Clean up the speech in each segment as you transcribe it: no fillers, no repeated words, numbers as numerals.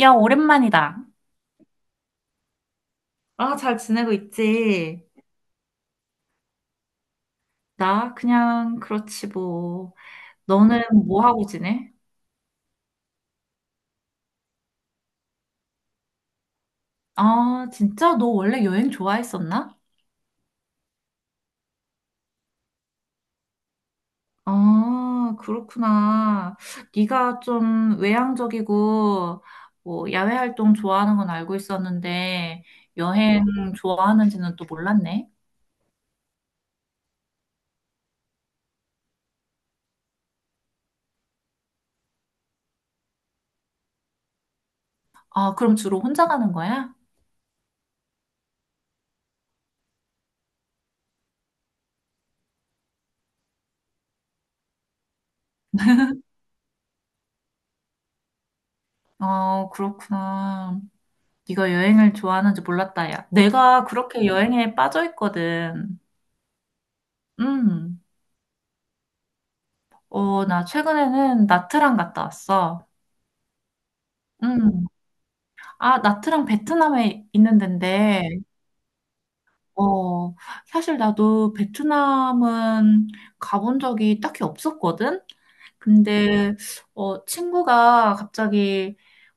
야, 오랜만이다. 아, 잘 지내고 있지? 나 그냥 그렇지 뭐. 너는 뭐 하고 지내? 아, 진짜 너 원래 여행 좋아했었나? 아, 그렇구나. 네가 좀 외향적이고 뭐 야외 활동 좋아하는 건 알고 있었는데 여행 좋아하는지는 또 몰랐네. 아, 그럼 주로 혼자 가는 거야? 어, 그렇구나. 네가 여행을 좋아하는지 몰랐다, 야. 내가 그렇게 여행에 빠져 있거든. 음, 어, 나 최근에는 나트랑 갔다 왔어. 음, 아, 나트랑 베트남에 있는 데인데, 어, 사실 나도 베트남은 가본 적이 딱히 없었거든? 근데, 친구가 갑자기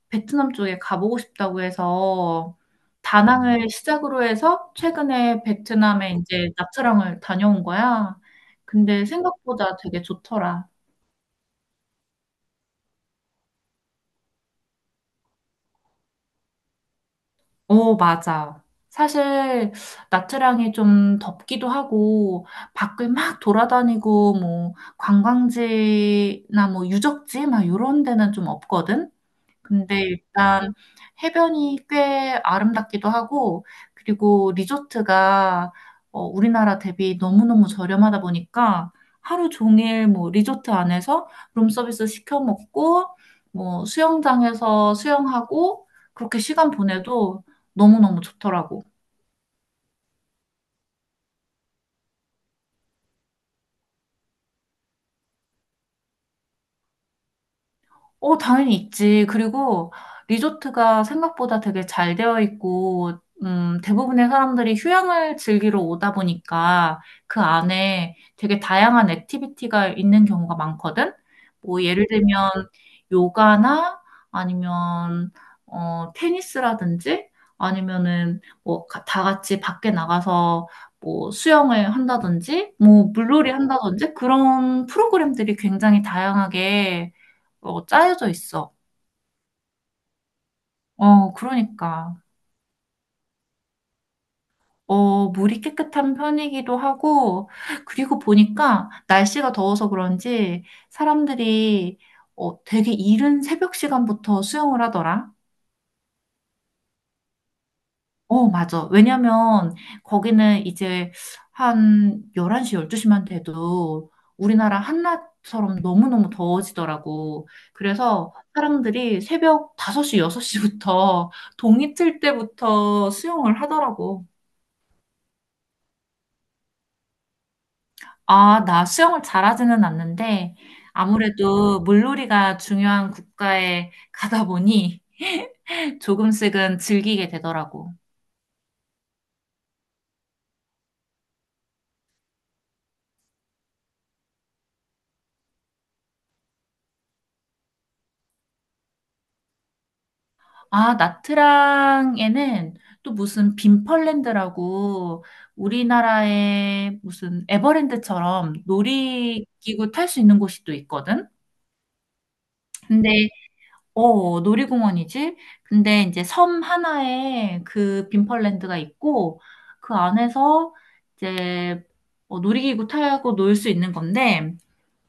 베트남 쪽에 가보고 싶다고 해서, 다낭을 시작으로 해서 최근에 베트남에 이제 나트랑을 다녀온 거야. 근데 생각보다 되게 좋더라. 어, 맞아. 사실 나트랑이 좀 덥기도 하고 밖을 막 돌아다니고 뭐 관광지나 뭐 유적지 막 이런 데는 좀 없거든. 근데 일단 해변이 꽤 아름답기도 하고, 그리고 리조트가 우리나라 대비 너무너무 저렴하다 보니까 하루 종일 뭐 리조트 안에서 룸서비스 시켜 먹고, 뭐 수영장에서 수영하고, 그렇게 시간 보내도 너무너무 좋더라고. 어, 당연히 있지. 그리고 리조트가 생각보다 되게 잘 되어 있고, 대부분의 사람들이 휴양을 즐기러 오다 보니까 그 안에 되게 다양한 액티비티가 있는 경우가 많거든? 뭐, 예를 들면, 요가나 아니면, 테니스라든지 아니면은 뭐, 다 같이 밖에 나가서 뭐, 수영을 한다든지, 뭐, 물놀이 한다든지 그런 프로그램들이 굉장히 다양하게 짜여져 있어. 어, 그러니까. 어, 물이 깨끗한 편이기도 하고, 그리고 보니까 날씨가 더워서 그런지 사람들이 되게 이른 새벽 시간부터 수영을 하더라. 어, 맞아. 왜냐면 거기는 이제 한 11시, 12시만 돼도 우리나라 한낮처럼 너무너무 더워지더라고. 그래서 사람들이 새벽 5시, 6시부터 동이 틀 때부터 수영을 하더라고. 아, 나 수영을 잘하지는 않는데, 아무래도 물놀이가 중요한 국가에 가다 보니 조금씩은 즐기게 되더라고. 아, 나트랑에는 또 무슨 빈펄랜드라고 우리나라의 무슨 에버랜드처럼 놀이기구 탈 수 있는 곳이 또 있거든? 근데 놀이공원이지? 근데 이제 섬 하나에 그 빈펄랜드가 있고, 그 안에서 이제 놀이기구 타고 놀 수 있는 건데,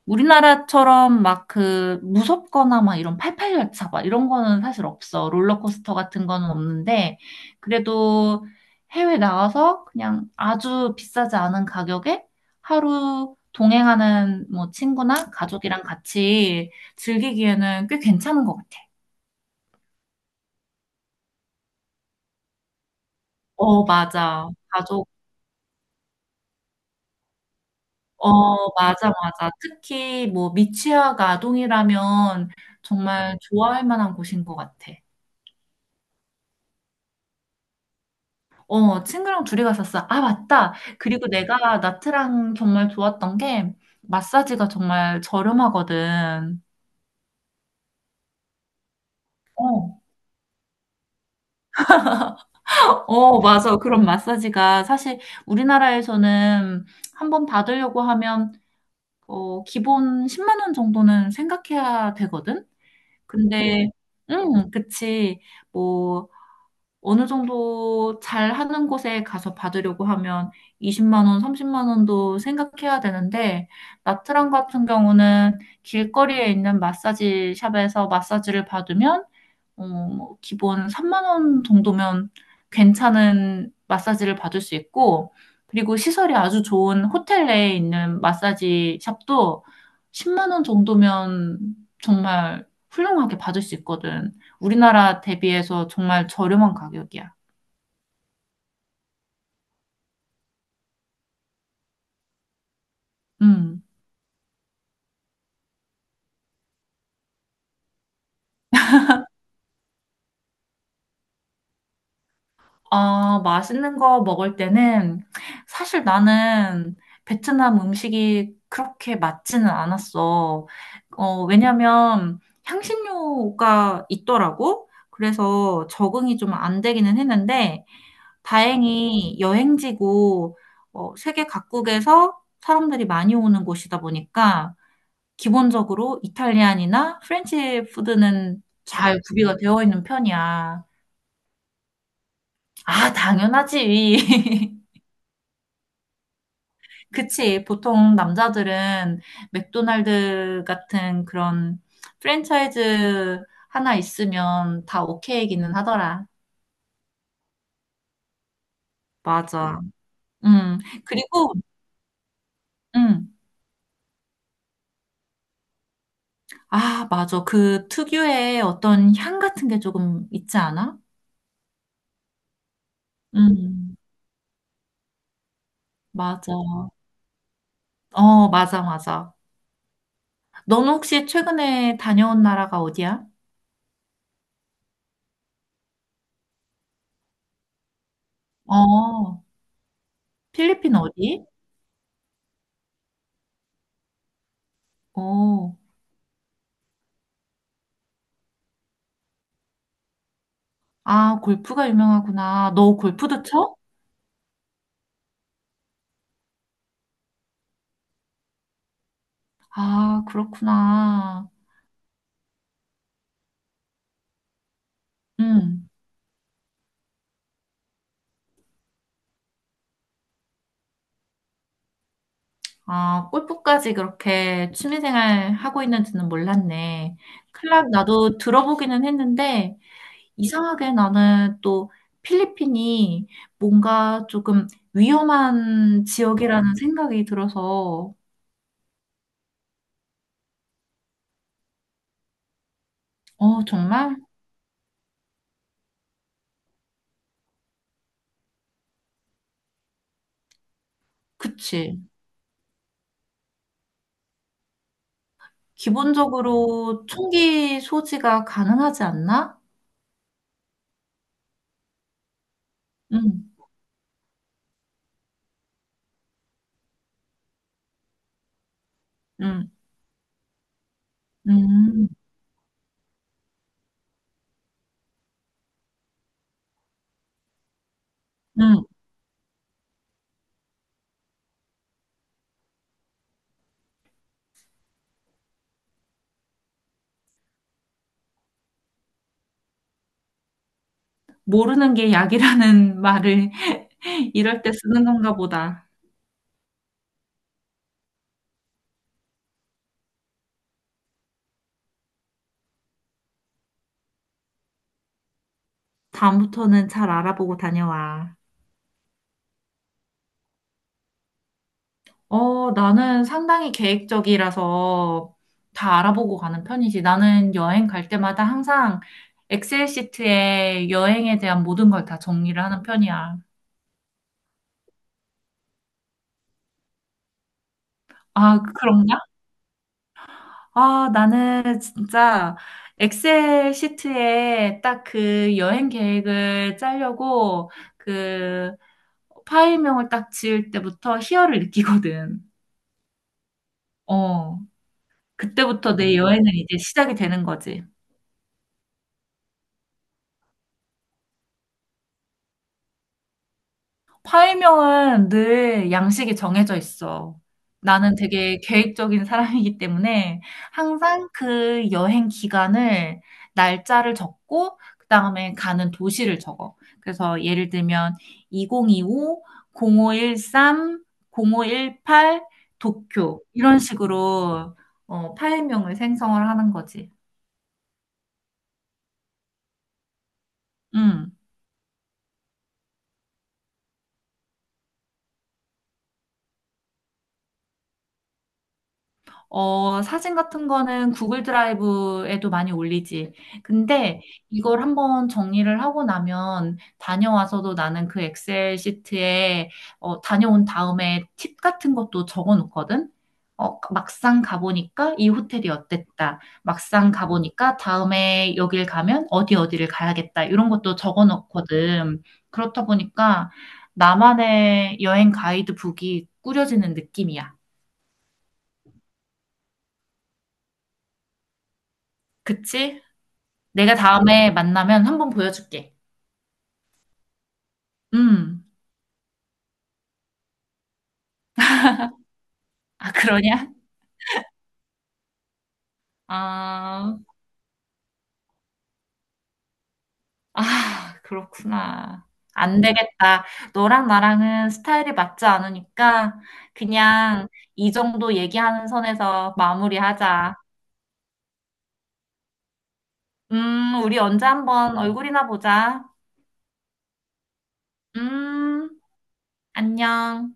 우리나라처럼 막 그 무섭거나 막 이런 팔팔열차 막 이런 거는 사실 없어. 롤러코스터 같은 거는 없는데, 그래도 해외 나가서 그냥 아주 비싸지 않은 가격에 하루 동행하는 뭐 친구나 가족이랑 같이 즐기기에는 꽤 괜찮은 것 같아. 어, 맞아. 가족, 어, 맞아, 맞아. 특히 뭐 미취학 아동이라면 정말 좋아할 만한 곳인 것 같아. 어, 친구랑 둘이 갔었어. 아, 맞다. 그리고 내가 나트랑 정말 좋았던 게 마사지가 정말 저렴하거든. 어, 어, 맞아. 그런 마사지가 사실 우리나라에서는 한 번 받으려고 하면 기본 10만 원 정도는 생각해야 되거든. 근데 그치. 뭐 어느 정도 잘 하는 곳에 가서 받으려고 하면 20만 원, 30만 원도 생각해야 되는데, 나트랑 같은 경우는 길거리에 있는 마사지 샵에서 마사지를 받으면 뭐 기본 3만 원 정도면 괜찮은 마사지를 받을 수 있고, 그리고 시설이 아주 좋은 호텔 내에 있는 마사지 샵도 10만 원 정도면 정말 훌륭하게 받을 수 있거든. 우리나라 대비해서 정말 저렴한 가격이야. 음. 어, 맛있는 거 먹을 때는 사실 나는 베트남 음식이 그렇게 맞지는 않았어. 왜냐면 향신료가 있더라고. 그래서 적응이 좀 안 되기는 했는데 다행히 여행지고 세계 각국에서 사람들이 많이 오는 곳이다 보니까 기본적으로 이탈리안이나 프렌치 푸드는 잘 구비가 되어 있는 편이야. 아, 당연하지. 그치. 보통 남자들은 맥도날드 같은 그런 프랜차이즈 하나 있으면 다 오케이기는 하더라. 맞아. 음. 음. 그리고, 음. 아, 맞아. 그 특유의 어떤 향 같은 게 조금 있지 않아? 음. 맞아. 어, 맞아, 맞아. 너는 혹시 최근에 다녀온 나라가 어디야? 어, 필리핀 어디? 어. 아, 골프가 유명하구나. 너 골프도 쳐? 아, 그렇구나. 음. 아, 골프까지 그렇게 취미생활 하고 있는지는 몰랐네. 클럽 나도 들어보기는 했는데, 이상하게 나는 또 필리핀이 뭔가 조금 위험한 지역이라는 생각이 들어서, 어, 정말? 그치. 기본적으로 총기 소지가 가능하지 않나? 응, 응, 응, 응. 모르는 게 약이라는 말을 이럴 때 쓰는 건가 보다. 다음부터는 잘 알아보고 다녀와. 어, 나는 상당히 계획적이라서 다 알아보고 가는 편이지. 나는 여행 갈 때마다 항상 엑셀 시트에 여행에 대한 모든 걸 다 정리를 하는 편이야. 아, 그런가? 아, 나는 진짜 엑셀 시트에 딱 그 여행 계획을 짜려고 그 파일명을 딱 지을 때부터 희열을 느끼거든. 어. 그때부터 내 여행은 이제 시작이 되는 거지. 파일명은 늘 양식이 정해져 있어. 나는 되게 계획적인 사람이기 때문에 항상 그 여행 기간을 날짜를 적고 그다음에 가는 도시를 적어. 그래서 예를 들면 2025, 0513, 0518 도쿄 이런 식으로 파일명을 생성을 하는 거지. 음. 어, 사진 같은 거는 구글 드라이브에도 많이 올리지. 근데 이걸 한번 정리를 하고 나면 다녀와서도 나는 그 엑셀 시트에 다녀온 다음에 팁 같은 것도 적어 놓거든. 막상 가보니까 이 호텔이 어땠다. 막상 가보니까 다음에 여길 가면 어디 어디를 가야겠다. 이런 것도 적어 놓거든. 그렇다 보니까 나만의 여행 가이드북이 꾸려지는 느낌이야. 그치? 내가 다음에 만나면 한 번 보여줄게. 음. 아, 그러냐? 아, 아, 그렇구나. 안 되겠다. 너랑 나랑은 스타일이 맞지 않으니까 그냥 이 정도 얘기하는 선에서 마무리하자. 우리 언제 한번 얼굴이나 보자. 음, 안녕.